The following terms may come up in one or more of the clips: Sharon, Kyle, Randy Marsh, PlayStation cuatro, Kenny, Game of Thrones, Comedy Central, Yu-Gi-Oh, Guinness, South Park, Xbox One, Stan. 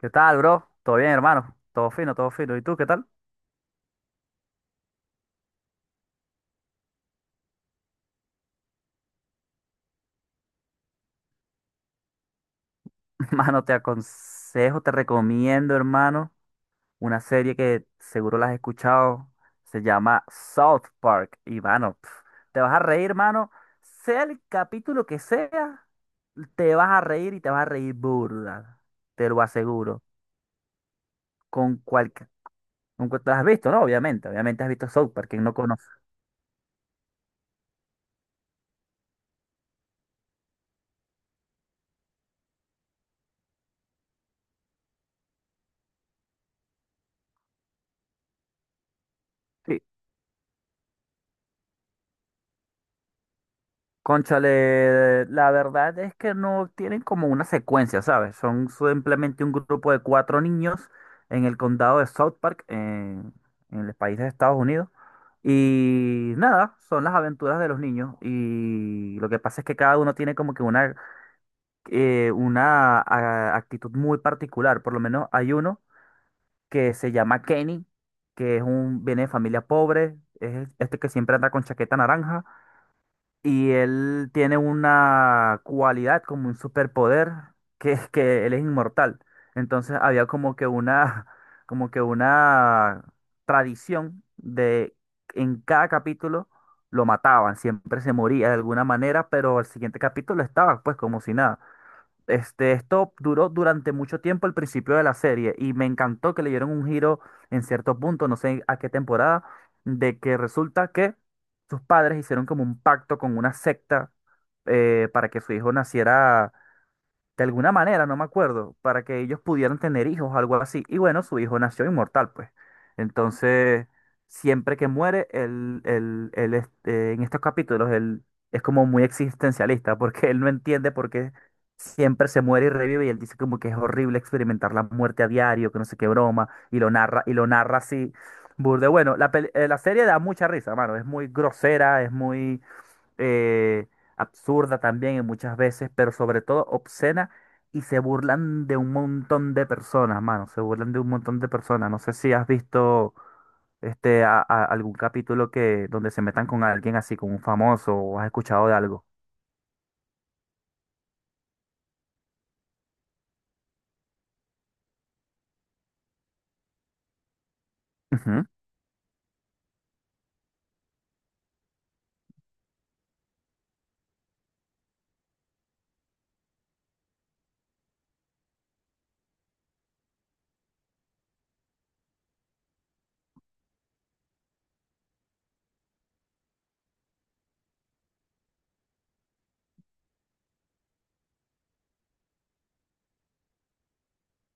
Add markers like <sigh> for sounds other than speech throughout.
¿Qué tal, bro? ¿Todo bien, hermano? Todo fino, todo fino. ¿Y tú qué tal? <laughs> Hermano, te aconsejo, te recomiendo, hermano, una serie que seguro la has escuchado. Se llama South Park. Y, mano, te vas a reír, hermano. Sea el capítulo que sea, te vas a reír y te vas a reír burda. Te lo aseguro. Con cualquier... Con cual- Te has visto, ¿no? Obviamente. Obviamente has visto South Park. ¿Quién no conoce? Sí. Cónchale, la verdad es que no tienen como una secuencia, ¿sabes? Son simplemente un grupo de cuatro niños en el condado de South Park, en el país de Estados Unidos. Y nada, son las aventuras de los niños. Y lo que pasa es que cada uno tiene como que una actitud muy particular. Por lo menos hay uno que se llama Kenny, que es viene de familia pobre, es este que siempre anda con chaqueta naranja. Y él tiene una cualidad como un superpoder que es que él es inmortal. Entonces había como que una, <laughs> como que una tradición de en cada capítulo lo mataban, siempre se moría de alguna manera, pero al siguiente capítulo estaba pues como si nada. Esto duró durante mucho tiempo el principio de la serie y me encantó que le dieron un giro en cierto punto, no sé a qué temporada, de que resulta que sus padres hicieron como un pacto con una secta, para que su hijo naciera de alguna manera, no me acuerdo, para que ellos pudieran tener hijos, algo así. Y bueno, su hijo nació inmortal, pues. Entonces, siempre que muere, en estos capítulos, él es como muy existencialista, porque él no entiende por qué siempre se muere y revive, y él dice como que es horrible experimentar la muerte a diario, que no sé qué broma, y lo narra así. Burde, bueno, la serie da mucha risa, mano, es muy grosera, es muy eh, absurda también en muchas veces, pero sobre todo obscena, y se burlan de un montón de personas, mano, se burlan de un montón de personas. No sé si has visto algún capítulo que donde se metan con alguien así, con un famoso, o has escuchado de algo. Ujú.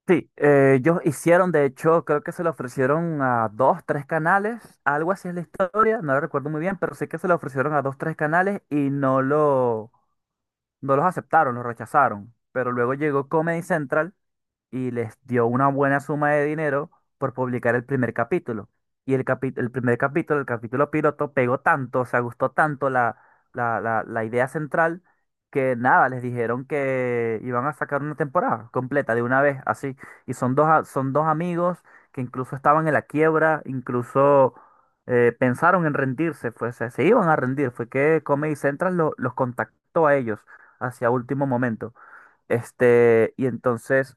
Sí, ellos hicieron, de hecho, creo que se lo ofrecieron a dos, tres canales, algo así es la historia, no lo recuerdo muy bien, pero sé que se lo ofrecieron a dos, tres canales y no los aceptaron, los rechazaron. Pero luego llegó Comedy Central y les dio una buena suma de dinero por publicar el primer capítulo. Y el primer capítulo, el capítulo piloto, pegó tanto, o sea, gustó tanto la idea central, que nada, les dijeron que iban a sacar una temporada completa de una vez, así. Y son dos amigos que incluso estaban en la quiebra, incluso pensaron en rendirse, pues se iban a rendir. Fue que Comedy Central los contactó a ellos hacia último momento. Este, y entonces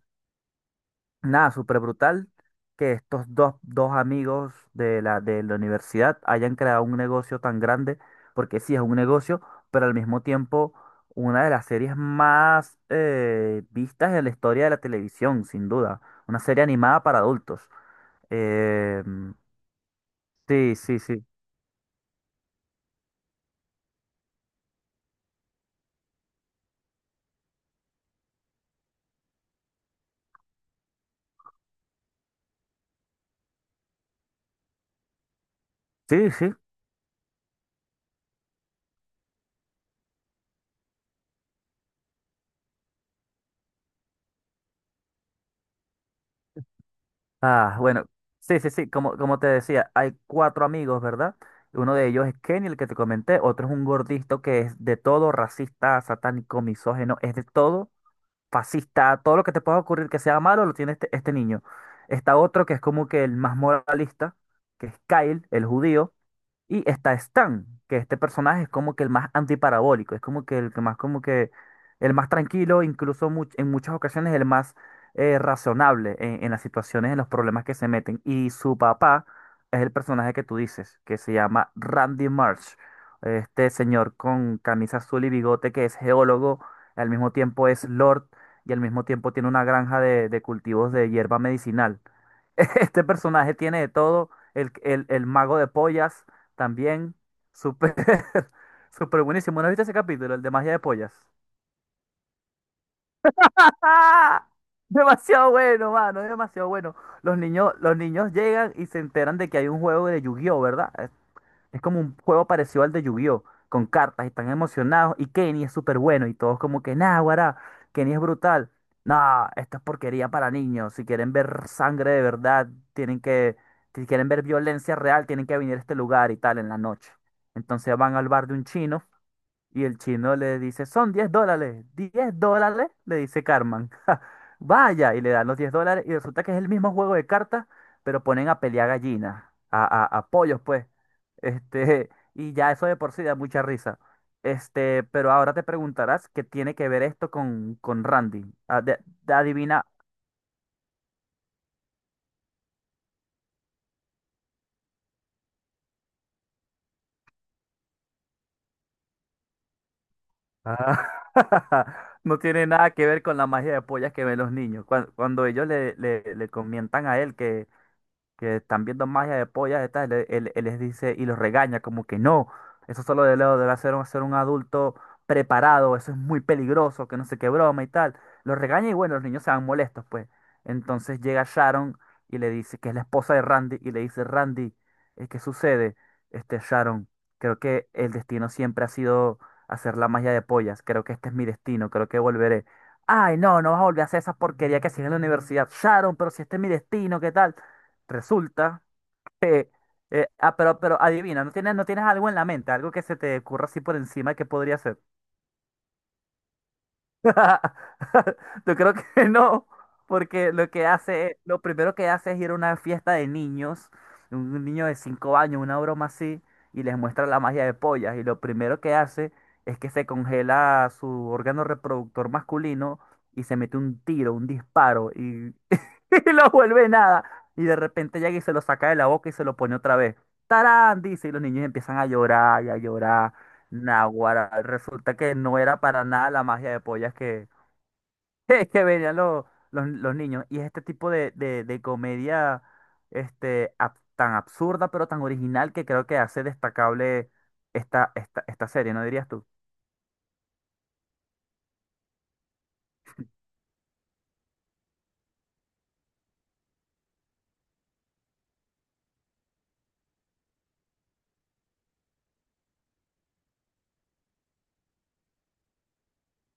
Nada, súper brutal que estos dos amigos de la universidad hayan creado un negocio tan grande, porque sí es un negocio, pero al mismo tiempo una de las series más vistas en la historia de la televisión, sin duda. Una serie animada para adultos. Eh, sí, sí, sí. Sí, sí. Ah, bueno, sí, sí, sí, como te decía, hay cuatro amigos, ¿verdad? Uno de ellos es Kenny, el que te comenté, otro es un gordito que es de todo racista, satánico, misógino, es de todo, fascista, todo lo que te pueda ocurrir que sea malo lo tiene este niño. Está otro que es como que el más moralista, que es Kyle, el judío. Y está Stan, que este personaje es como que el más antiparabólico, es como que el que más como que el más tranquilo, incluso en muchas ocasiones el más razonable en las situaciones, en los problemas que se meten. Y su papá es el personaje que tú dices, que se llama Randy Marsh, este señor con camisa azul y bigote que es geólogo, al mismo tiempo es Lord y al mismo tiempo tiene una granja de cultivos de hierba medicinal. <laughs> Este personaje tiene de todo. El mago de pollas también. Súper, <laughs> súper buenísimo. ¿No has visto ese capítulo? El de magia de pollas. ¡Ah! <laughs> Demasiado bueno, mano, es demasiado bueno. Los niños llegan y se enteran de que hay un juego de Yu-Gi-Oh, ¿verdad? Es como un juego parecido al de Yu-Gi-Oh! Con cartas y están emocionados y Kenny es súper bueno y todos como que, nah, guará, Kenny es brutal. Nah, esto es porquería para niños. Si quieren ver sangre de verdad, tienen que, si quieren ver violencia real, tienen que venir a este lugar y tal en la noche. Entonces van al bar de un chino y el chino le dice, son $10. $10, le dice Carmen. <laughs> Vaya, y le dan los $10 y resulta que es el mismo juego de cartas, pero ponen a pelear gallinas, a pollos, pues. Este, <laughs> y ya eso de por sí da mucha risa. Pero ahora te preguntarás qué tiene que ver esto con Randy. Ah, adivina. Ah, <laughs> no tiene nada que ver con la magia de pollas que ven los niños. Cuando ellos le comentan a él que están viendo magia de pollas, estas, él les dice y los regaña como que no, eso solo de leo debe hacer un, ser un adulto preparado, eso es muy peligroso, que no sé qué broma y tal. Los regaña y bueno, los niños se van molestos, pues. Entonces llega Sharon y le dice que es la esposa de Randy y le dice, Randy, ¿qué sucede? Sharon, creo que el destino siempre ha sido hacer la magia de pollas, creo que este es mi destino, creo que volveré. Ay, no, no vas a volver a hacer esa porquería que hacías en la universidad. Sharon, pero si este es mi destino, ¿qué tal? Resulta que... pero adivina, ¿no tienes algo en la mente? Algo que se te ocurra así por encima que podría ser. <laughs> Yo creo que no, porque lo que hace, lo primero que hace es ir a una fiesta de niños, un niño de 5 años, una broma así, y les muestra la magia de pollas. Y lo primero que hace es que se congela su órgano reproductor masculino y se mete un tiro, un disparo, y <laughs> y lo vuelve nada. Y de repente llega y se lo saca de la boca y se lo pone otra vez. ¡Tarán! Dice, y los niños empiezan a llorar y a llorar. Naguará, resulta que no era para nada la magia de pollas que, <laughs> que venían los niños. Y es este tipo de comedia, tan absurda, pero tan original que creo que hace destacable esta serie, ¿no dirías tú?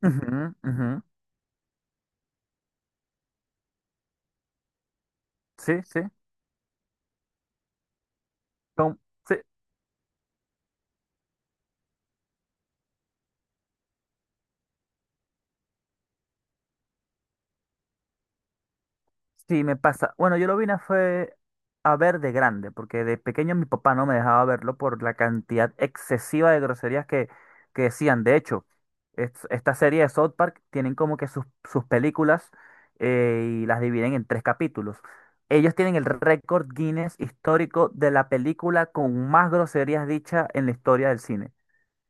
Ujú, ujú. Sí, sí. Son- sí, Sí, me pasa. Bueno, yo lo vine a fue a ver de grande, porque de pequeño mi papá no me dejaba verlo por la cantidad excesiva de groserías que decían. De hecho, esta serie de South Park tienen como que sus películas, y las dividen en tres capítulos. Ellos tienen el récord Guinness histórico de la película con más groserías dichas en la historia del cine,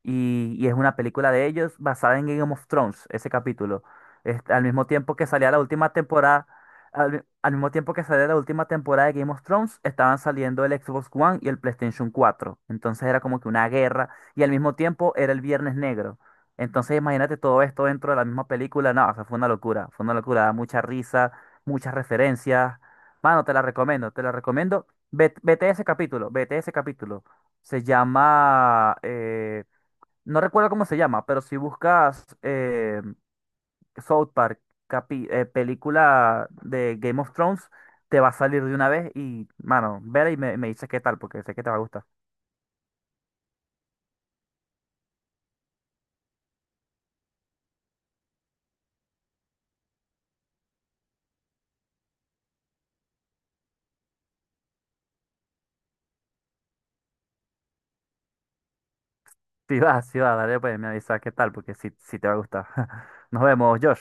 y es una película de ellos basada en Game of Thrones, ese capítulo. Al mismo tiempo que salía la última temporada, al mismo tiempo que salía la última temporada de Game of Thrones, estaban saliendo el Xbox One y el PlayStation 4. Entonces era como que una guerra, y al mismo tiempo era el Viernes Negro. Entonces imagínate todo esto dentro de la misma película. No, o sea, fue una locura, da mucha risa, muchas referencias. Mano, te la recomiendo, te la recomiendo. Vete ese capítulo, vete ese capítulo. Se llama no recuerdo cómo se llama, pero si buscas South Park, película de Game of Thrones, te va a salir de una vez y, mano, vela y me dices qué tal, porque sé que te va a gustar. <laughs> Si va, si va, dale pues, me avisas qué tal, porque sí, sí te va a gustar. <laughs> Nos vemos, Josh.